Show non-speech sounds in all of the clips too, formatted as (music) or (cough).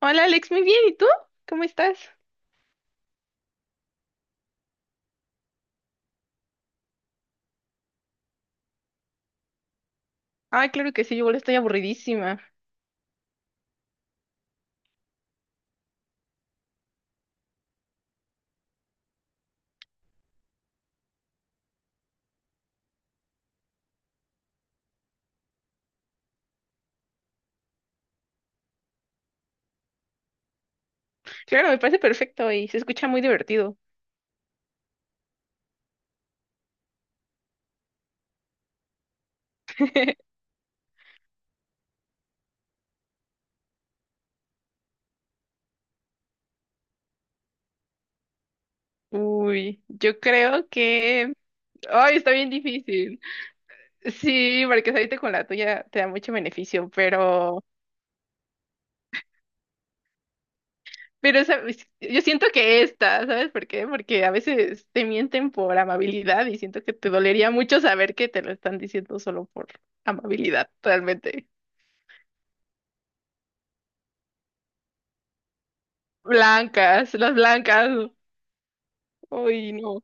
Hola Alex, muy bien, ¿y tú? ¿Cómo estás? Ay, claro que sí, yo igual estoy aburridísima. Claro, me parece perfecto y se escucha muy divertido. (laughs) Uy, yo creo que... Ay, está bien difícil. Sí, porque salirte con la tuya te da mucho beneficio, pero... Pero ¿sabes? Yo siento que esta, ¿sabes por qué? Porque a veces te mienten por amabilidad y siento que te dolería mucho saber que te lo están diciendo solo por amabilidad, realmente. Blancas, las blancas. Uy, no.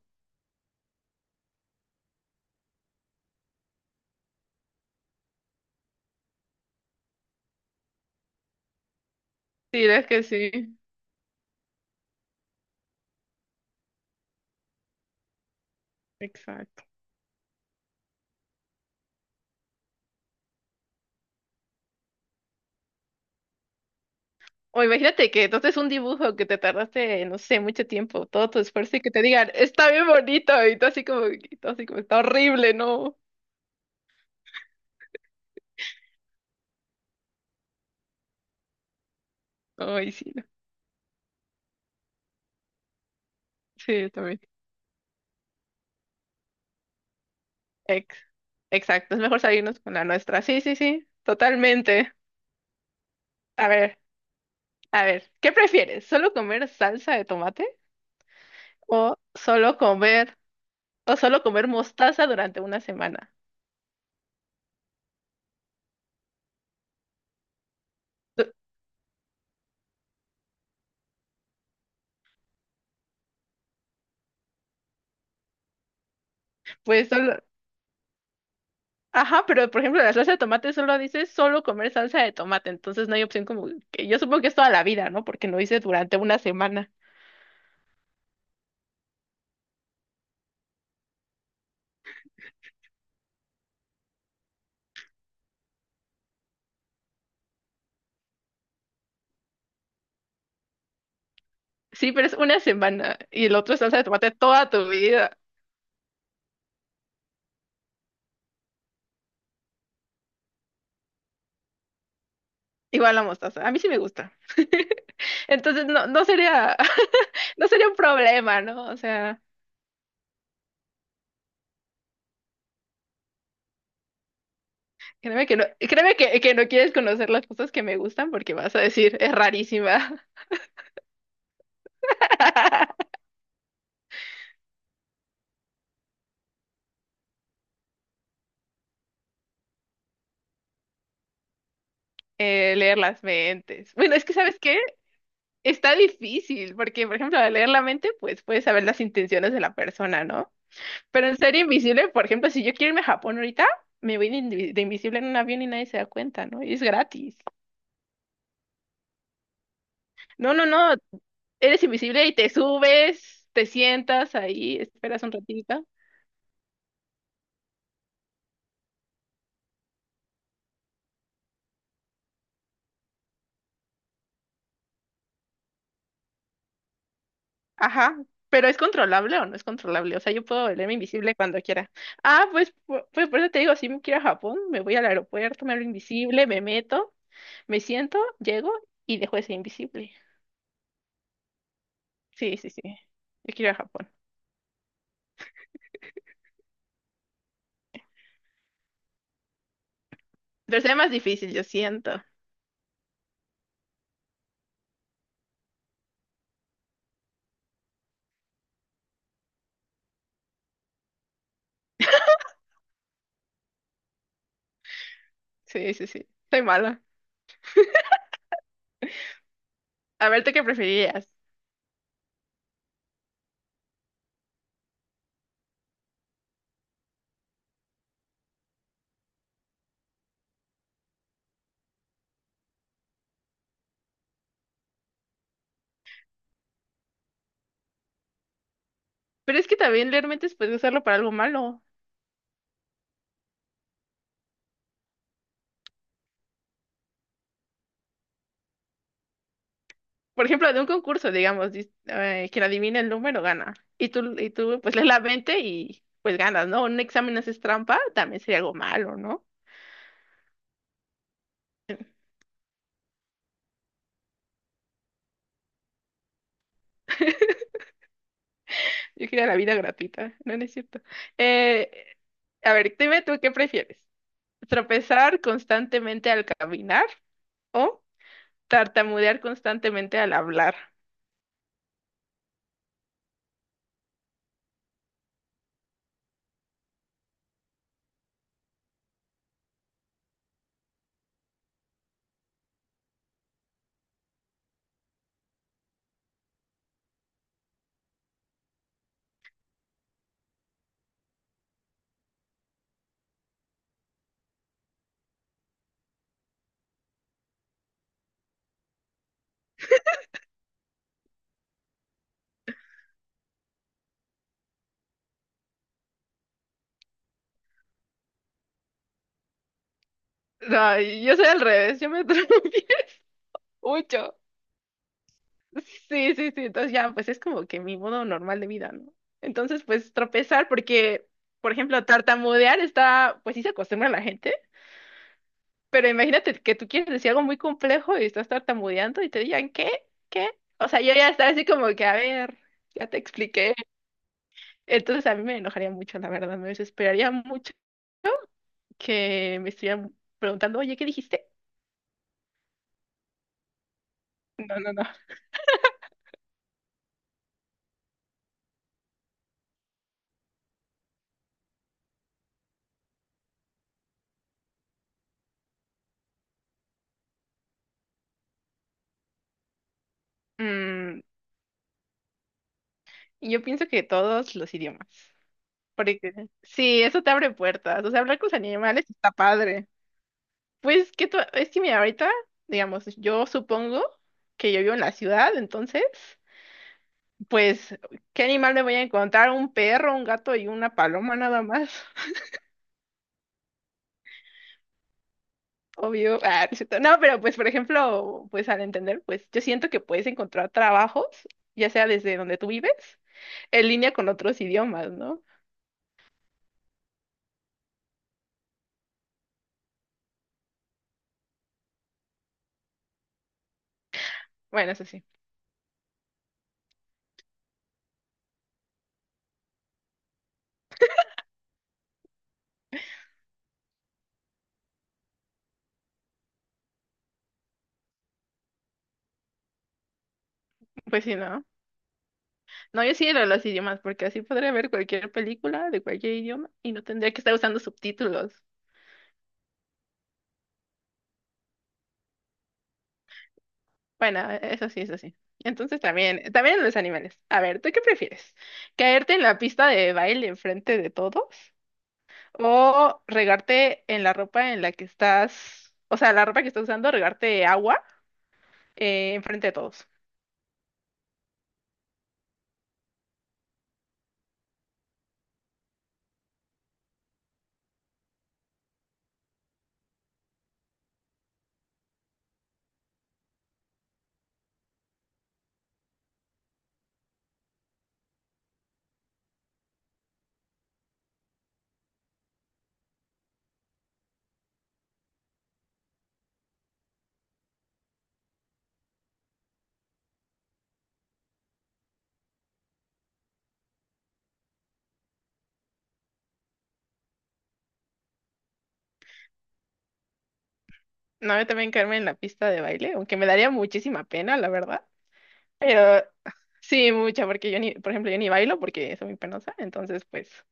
Sí, es que sí, exacto. O imagínate que entonces un dibujo que te tardaste, no sé, mucho tiempo, todo tu esfuerzo y que te digan, está bien bonito, y tú así como, está horrible, ¿no? Ay, sí, no. Sí, yo también. Ex- exacto, es mejor salirnos con la nuestra. Sí, sí, sí, totalmente. A ver, a ver, ¿qué prefieres? ¿Solo comer salsa de tomate o solo comer mostaza durante una semana? Pues solo, ajá, pero por ejemplo, la salsa de tomate solo dice solo comer salsa de tomate, entonces no hay opción como que yo supongo que es toda la vida, ¿no? Porque no dice durante una semana. Sí, pero es una semana y el otro es salsa de tomate toda tu vida. Igual la mostaza. A mí sí me gusta. (laughs) Entonces no, no sería, (laughs) no sería un problema, ¿no? O sea, créeme que no, créeme que no quieres conocer las cosas que me gustan porque vas a decir, es rarísima. (laughs) Leer las mentes. Bueno, es que ¿sabes qué? Está difícil, porque, por ejemplo, al leer la mente, pues puedes saber las intenciones de la persona, ¿no? Pero en ser invisible, por ejemplo, si yo quiero irme a Japón ahorita, me voy de, invi- de invisible en un avión y nadie se da cuenta, ¿no? Y es gratis. No, no, no, eres invisible y te subes, te sientas ahí, esperas un ratito. Ajá, pero ¿es controlable o no es controlable? O sea, yo puedo volverme invisible cuando quiera. Ah, pues por eso te digo, si me quiero a Japón, me voy al aeropuerto, me hago invisible, me meto, me siento, llego y dejo de ser invisible. Sí, sí, sí. Yo quiero ir a Japón. Pero sería más difícil, yo siento. Sí, sí, sí. Soy mala. A ver, ¿tú qué preferirías? Pero es que también leer mentes puedes usarlo para algo malo. Por ejemplo, de un concurso, digamos, quien adivina el número gana. Y tú, pues lees la mente y pues ganas, ¿no? Un examen haces trampa, también sería algo malo, ¿no? Yo quiero la vida gratuita. No, no es cierto. Eh, a ver, dime tú qué prefieres. ¿Tropezar constantemente al caminar o tartamudear constantemente al hablar? Ay, yo soy al revés, yo me atropello (laughs) mucho. Sí, sí, sí, entonces ya, pues es como que mi modo normal de vida, ¿no? Entonces, pues tropezar, porque, por ejemplo, tartamudear está, pues sí se acostumbra a la gente, pero imagínate que tú quieres decir algo muy complejo y estás tartamudeando y te digan, ¿qué? ¿Qué? O sea, yo ya estaba así como que, a ver, ya te expliqué. Entonces a mí me enojaría mucho, la verdad, me desesperaría mucho que me estuvieran preguntando, oye, ¿qué dijiste? No, no, no. Mm, Yo pienso que todos los idiomas. Porque sí, eso te abre puertas. O sea, hablar con los animales está padre. Pues que es que mira, ahorita, digamos, yo supongo que yo vivo en la ciudad, entonces, pues, ¿qué animal me voy a encontrar? Un perro, un gato y una paloma nada más. (laughs) Obvio. Ah, no, es cierto. No, pero pues, por ejemplo, pues al entender, pues yo siento que puedes encontrar trabajos, ya sea desde donde tú vives, en línea con otros idiomas, ¿no? Bueno, eso sí. Pues sí, ¿no? No, yo sí lo de los idiomas, porque así podría ver cualquier película de cualquier idioma y no tendría que estar usando subtítulos. Bueno, eso sí, eso sí. Entonces también los animales. A ver, ¿tú qué prefieres? ¿Caerte en la pista de baile enfrente de todos? ¿O regarte en la ropa en la que estás, o sea, la ropa que estás usando, regarte agua enfrente de todos? No, yo también caerme en la pista de baile, aunque me daría muchísima pena, la verdad. Pero sí, mucha, porque yo ni, por ejemplo, yo ni bailo porque soy muy penosa, entonces pues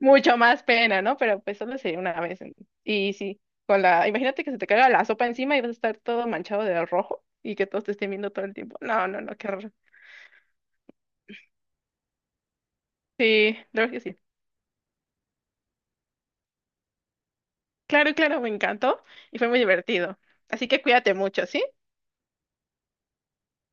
mucho más pena, ¿no? Pero pues solo sería una vez. Y sí, con la, imagínate que se te caiga la sopa encima y vas a estar todo manchado de rojo y que todos te estén viendo todo el tiempo. No, no, no, qué horror. Sí, la verdad que sí. Claro, claro, me encantó y fue muy divertido. Así que cuídate mucho, ¿sí?